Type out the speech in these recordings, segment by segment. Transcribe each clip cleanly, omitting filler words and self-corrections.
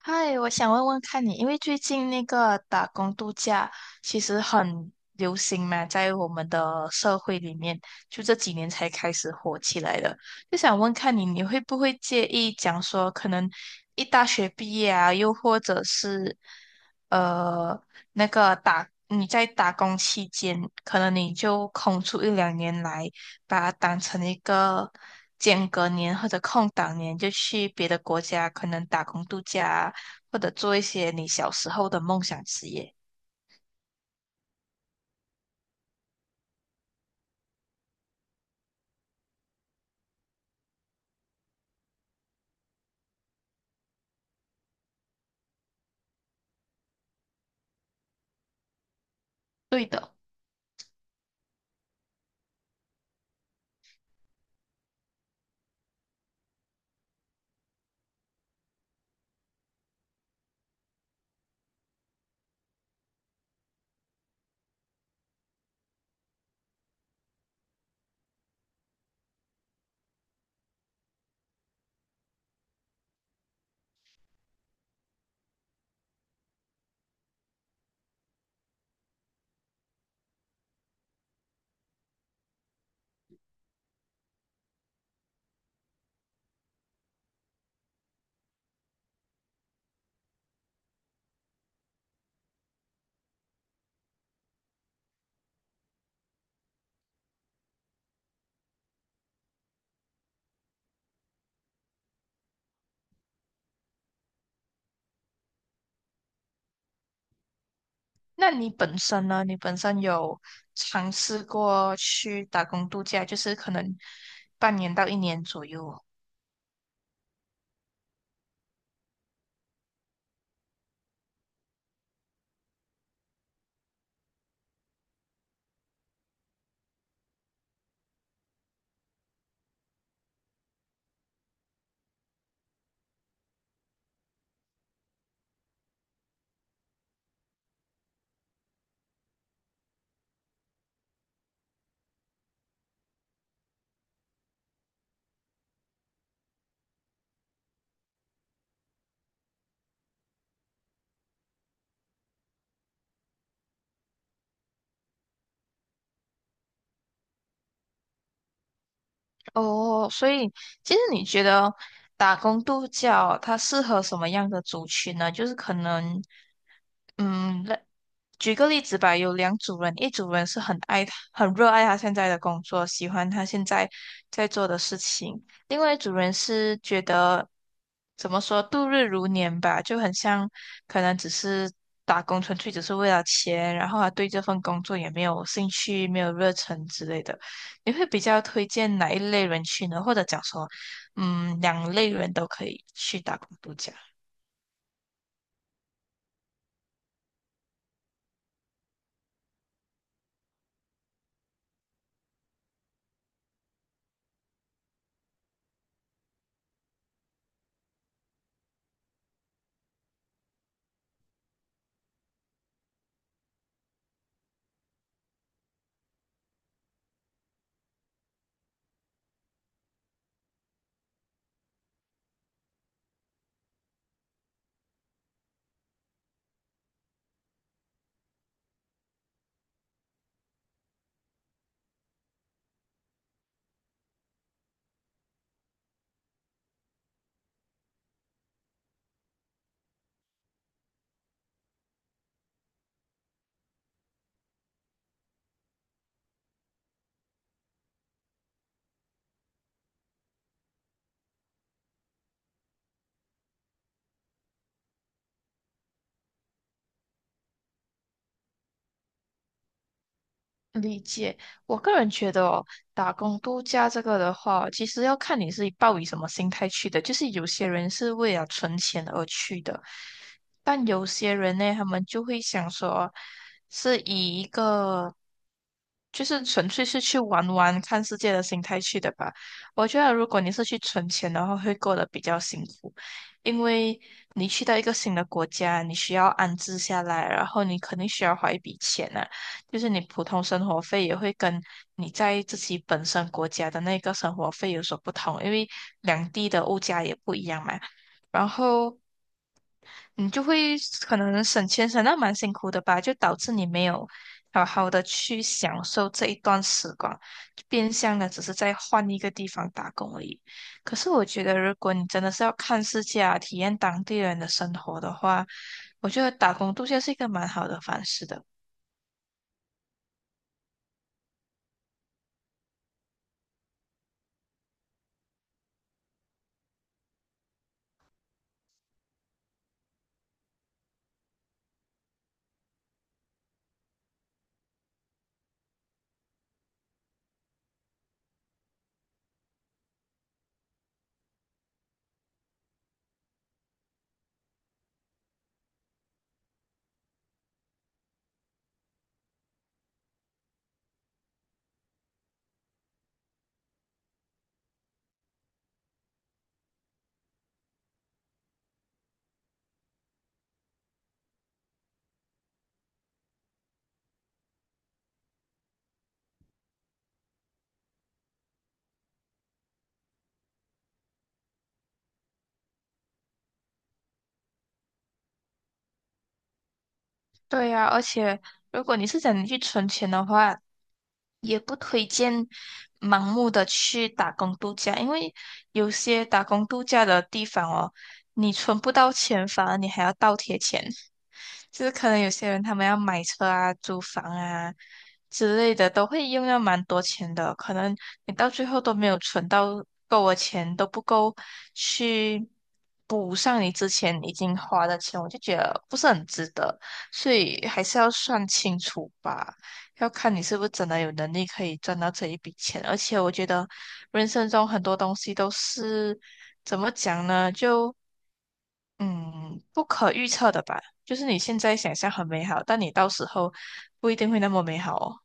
嗨，我想问问看你，因为最近那个打工度假其实很流行嘛，在我们的社会里面，就这几年才开始火起来的。就想问看你，你会不会介意讲说，可能一大学毕业啊，又或者是呃那个打你在打工期间，可能你就空出一两年来，把它当成一个间隔年或者空档年，就去别的国家可能打工度假啊或者做一些你小时候的梦想职业。对的。那你本身呢？你本身有尝试过去打工度假，就是可能半年到一年左右。哦，所以其实你觉得打工度假它适合什么样的族群呢？就是可能，嗯，那举个例子吧，有两组人，一组人是很爱他、很热爱他现在的工作，喜欢他现在在做的事情；另外一组人是觉得怎么说度日如年吧，就很像可能只是打工，纯粹只是为了钱，然后他对这份工作也没有兴趣、没有热忱之类的。你会比较推荐哪一类人去呢？或者讲说，嗯，两类人都可以去打工度假。理解。我个人觉得哦，打工度假这个的话，其实要看你是抱以什么心态去的。就是有些人是为了存钱而去的，但有些人呢，他们就会想说，是以一个就是纯粹是去玩玩、看世界的心态去的吧。我觉得如果你是去存钱的话，会过得比较辛苦，因为你去到一个新的国家，你需要安置下来，然后你肯定需要花一笔钱啊。就是你普通生活费也会跟你在自己本身国家的那个生活费有所不同，因为两地的物价也不一样嘛。然后你就会可能省钱省到蛮辛苦的吧，就导致你没有好好的去享受这一段时光，就变相的只是在换一个地方打工而已。可是我觉得，如果你真的是要看世界啊，体验当地人的生活的话，我觉得打工度假是一个蛮好的方式的。对呀，而且如果你是想你去存钱的话，也不推荐盲目的去打工度假，因为有些打工度假的地方哦，你存不到钱，反而你还要倒贴钱。就是可能有些人他们要买车啊、租房啊之类的，都会用到蛮多钱的。可能你到最后都没有存到够的钱，都不够去补上你之前已经花的钱，我就觉得不是很值得。所以还是要算清楚吧，要看你是不是真的有能力可以赚到这一笔钱。而且我觉得人生中很多东西都是怎么讲呢？就嗯，不可预测的吧，就是你现在想象很美好，但你到时候不一定会那么美好哦。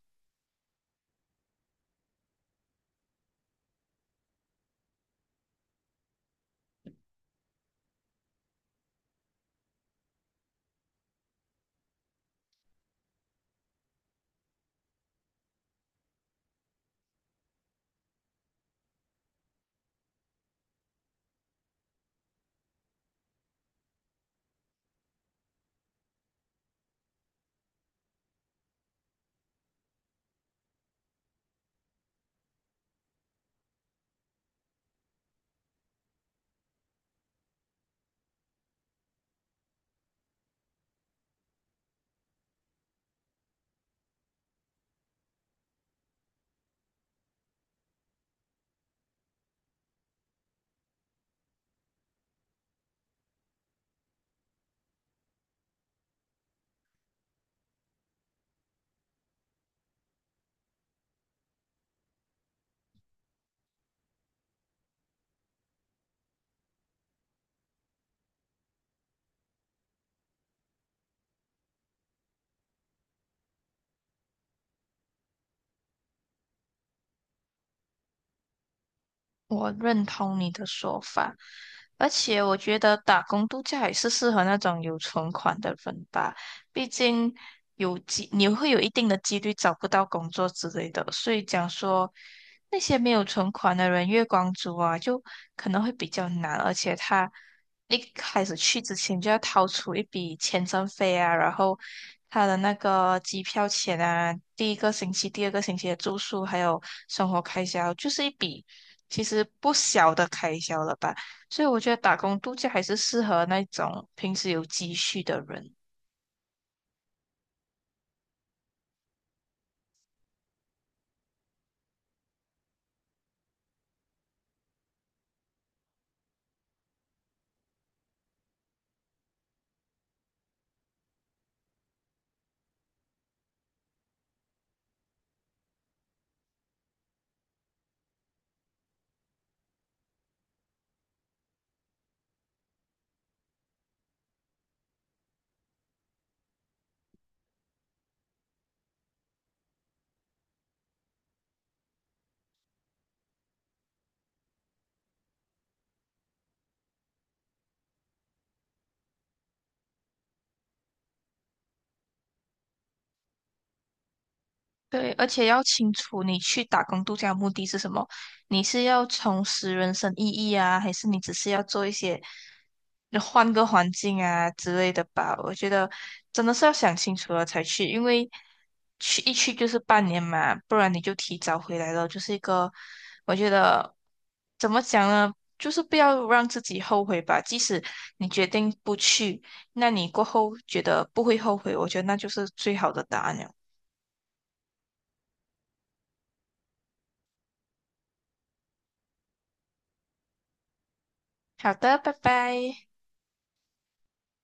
我认同你的说法，而且我觉得打工度假也是适合那种有存款的人吧，毕竟有几你会有一定的几率找不到工作之类的，所以讲说那些没有存款的人，月光族啊，就可能会比较难，而且他。一开始去之前就要掏出一笔签证费啊，然后他的那个机票钱啊，第一个星期、第二个星期的住宿，还有生活开销，就是一笔其实不小的开销了吧。所以我觉得打工度假还是适合那种平时有积蓄的人。对，而且要清楚你去打工度假的目的是什么？你是要重拾人生意义啊，还是你只是要做一些换个环境啊之类的吧？我觉得真的是要想清楚了才去，因为去一去就是半年嘛，不然你就提早回来了，就是一个我觉得怎么讲呢？就是不要让自己后悔吧。即使你决定不去，那你过后觉得不会后悔，我觉得那就是最好的答案了。好的，拜拜。